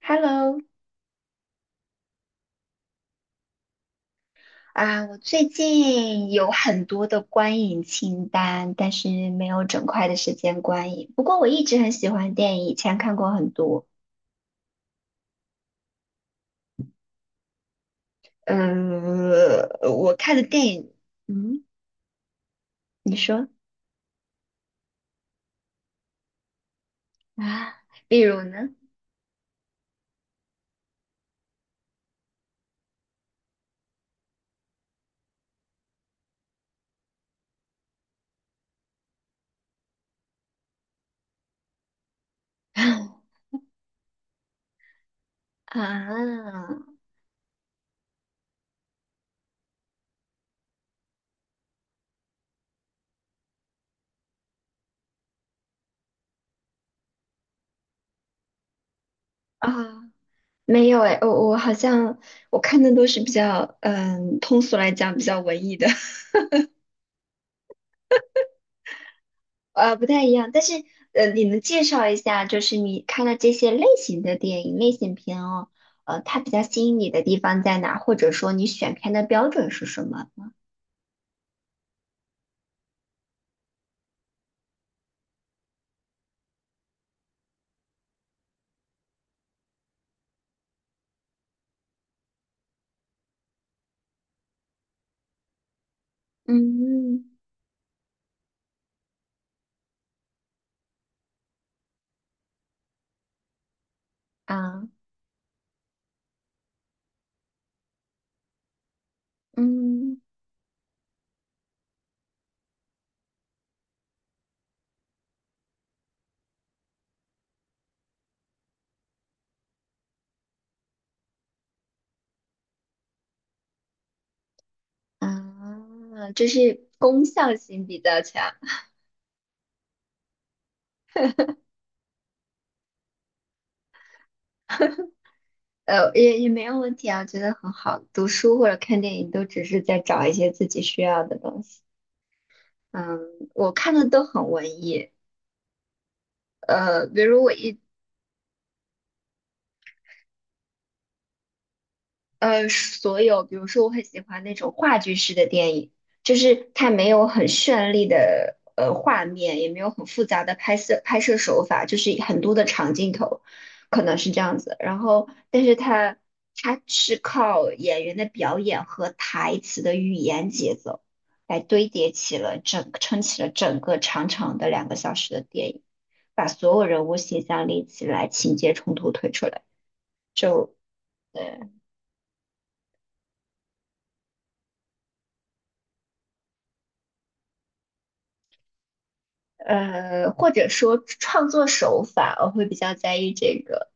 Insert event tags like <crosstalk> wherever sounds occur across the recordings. Hello，我最近有很多的观影清单，但是没有整块的时间观影。不过我一直很喜欢电影，以前看过很多。嗯，我看的电影。嗯，你说啊，比如呢？<laughs> 啊啊，没有哎，我好像我看的都是比较，嗯，通俗来讲比较文艺的。呃，不太一样，但是呃，你能介绍一下，就是你看了这些类型的电影、类型片哦，呃，它比较吸引你的地方在哪？或者说你选片的标准是什么？嗯啊嗯就是功效性比较强。呃，也没有问题啊，觉得很好。读书或者看电影都只是在找一些自己需要的东西。嗯，我看的都很文艺。呃，比如我一呃，所有，比如说，我很喜欢那种话剧式的电影，就是它没有很绚丽的画面，也没有很复杂的拍摄手法，就是很多的长镜头，可能是这样子。然后，但是它它是靠演员的表演和台词的语言节奏来堆叠起了整撑起了整个长长的两个小时的电影，把所有人物形象立起来，情节冲突推出来。对。呃，或者说创作手法，我会比较在意这个，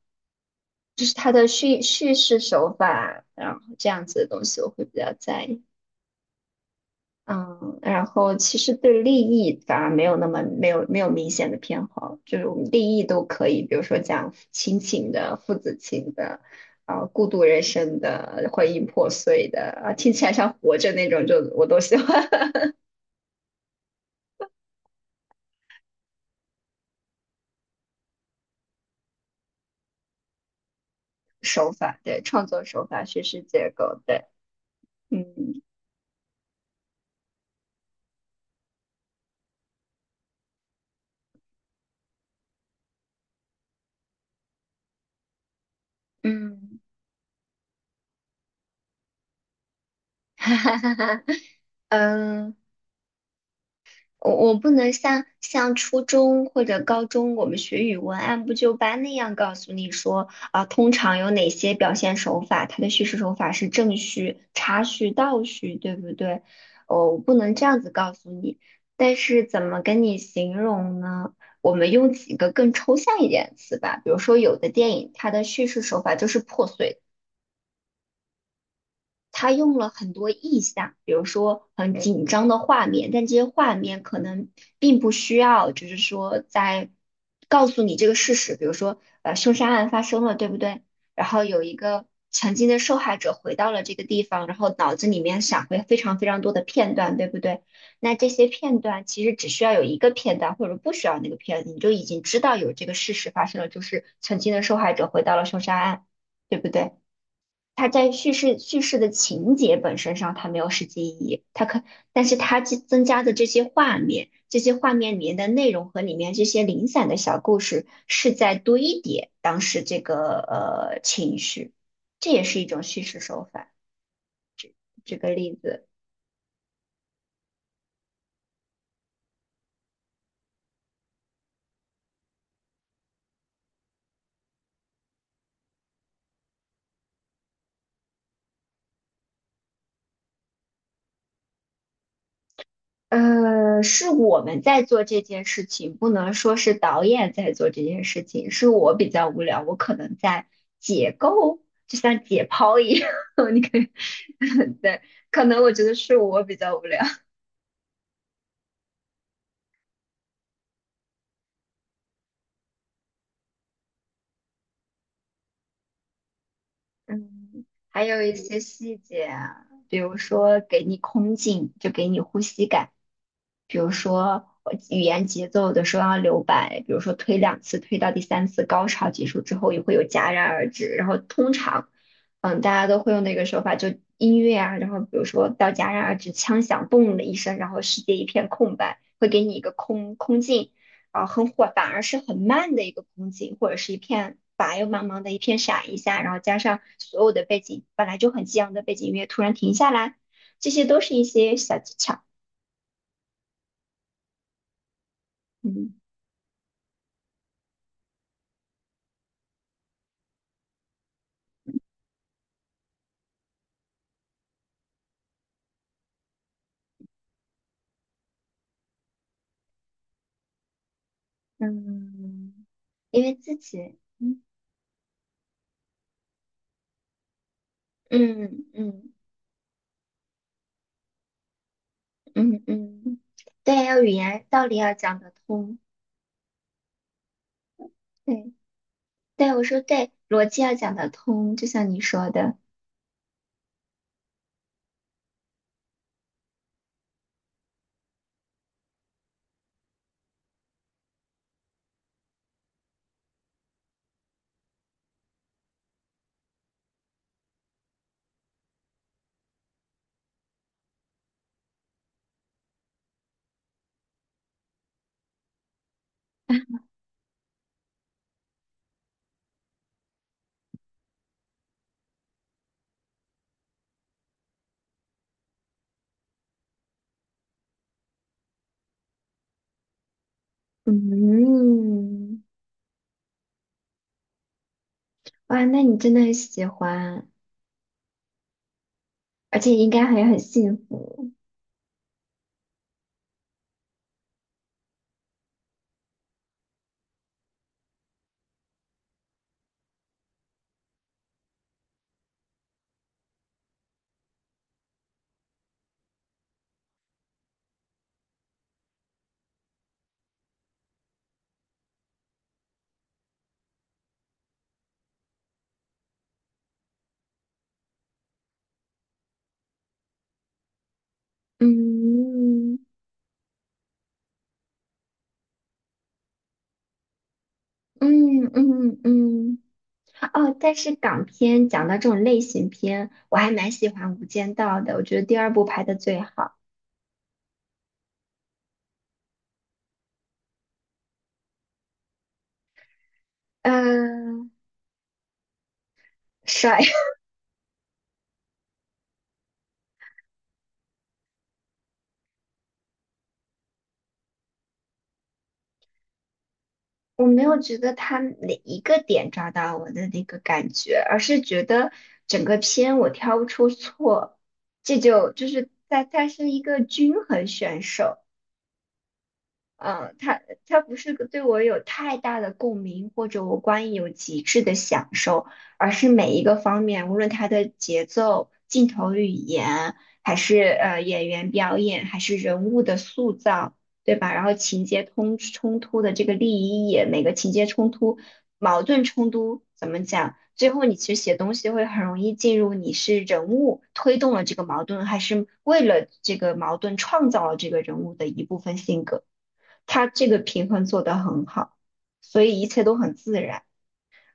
就是它的叙事手法，然后这样子的东西我会比较在意。嗯，然后其实对立意反而没有那么没有明显的偏好，就是我们立意都可以，比如说讲亲情的、父子情的、啊、孤独人生的、婚姻破碎的，啊，听起来像活着那种，就我都喜欢。 <laughs> 手法，对，创作手法、叙事结构，对，嗯嗯。<laughs> 哈哈哈哈，嗯，我不能像初中或者高中我们学语文按部就班那样告诉你说啊，通常有哪些表现手法，它的叙事手法是正序、插叙、倒叙，对不对？哦，我不能这样子告诉你，但是怎么跟你形容呢？我们用几个更抽象一点的词吧，比如说有的电影它的叙事手法就是破碎的。他用了很多意象，比如说很紧张的画面，但这些画面可能并不需要，就是说在告诉你这个事实，比如说凶杀案发生了，对不对？然后有一个曾经的受害者回到了这个地方，然后脑子里面闪回非常非常多的片段，对不对？那这些片段其实只需要有一个片段，或者不需要那个片段，你就已经知道有这个事实发生了，就是曾经的受害者回到了凶杀案，对不对？它在叙事的情节本身上，它没有实际意义，它可，但是它增加的这些画面，这些画面里面的内容和里面这些零散的小故事，是在堆叠当时这个情绪，这也是一种叙事手法。举个例子。呃，是我们在做这件事情，不能说是导演在做这件事情。是我比较无聊，我可能在解构，就像解剖一样。<laughs> 你可以，<laughs> 对，可能我觉得是我比较无聊。嗯，还有一些细节啊，比如说给你空镜，就给你呼吸感。比如说语言节奏的时候要留白，比如说推两次，推到第三次高潮结束之后也会有戛然而止。然后通常，嗯，大家都会用那个手法，就音乐啊，然后比如说到戛然而止，枪响，嘣的一声，然后世界一片空白，会给你一个空镜，啊，很火，反而是很慢的一个风景，或者是一片白又茫茫的一片闪一下，然后加上所有的背景本来就很激昂的背景音乐突然停下来，这些都是一些小技巧。嗯嗯，因为自己嗯。嗯嗯嗯嗯，对，要语言道理要讲得通。对对，我说对，逻辑要讲得通，就像你说的。嗯，哇，那你真的很喜欢，而且应该还很幸福。嗯嗯嗯嗯，啊哦，但是港片讲到这种类型片，我还蛮喜欢《无间道》的，我觉得第二部拍的最好。嗯、帅，<laughs> 我没有觉得他哪一个点抓到我的那个感觉，而是觉得整个片我挑不出错，这就就是在他是一个均衡选手。嗯，他他不是个对我有太大的共鸣，或者我观影有极致的享受，而是每一个方面，无论它的节奏、镜头语言，还是演员表演，还是人物的塑造，对吧？然后情节冲突的这个立意也每个情节冲突、矛盾冲突怎么讲？最后你其实写东西会很容易进入你是人物推动了这个矛盾，还是为了这个矛盾创造了这个人物的一部分性格。他这个平衡做得很好，所以一切都很自然。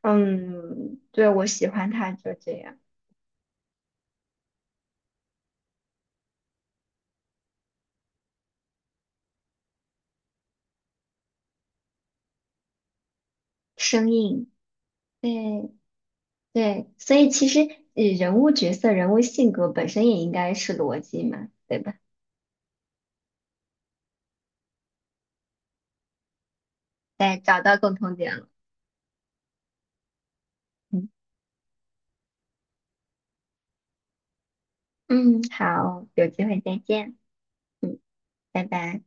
嗯，对，我喜欢他就这样，生硬。对对，所以其实人物角色、人物性格本身也应该是逻辑嘛，对吧？对，找到共同点了。嗯嗯，好，有机会再见，拜拜。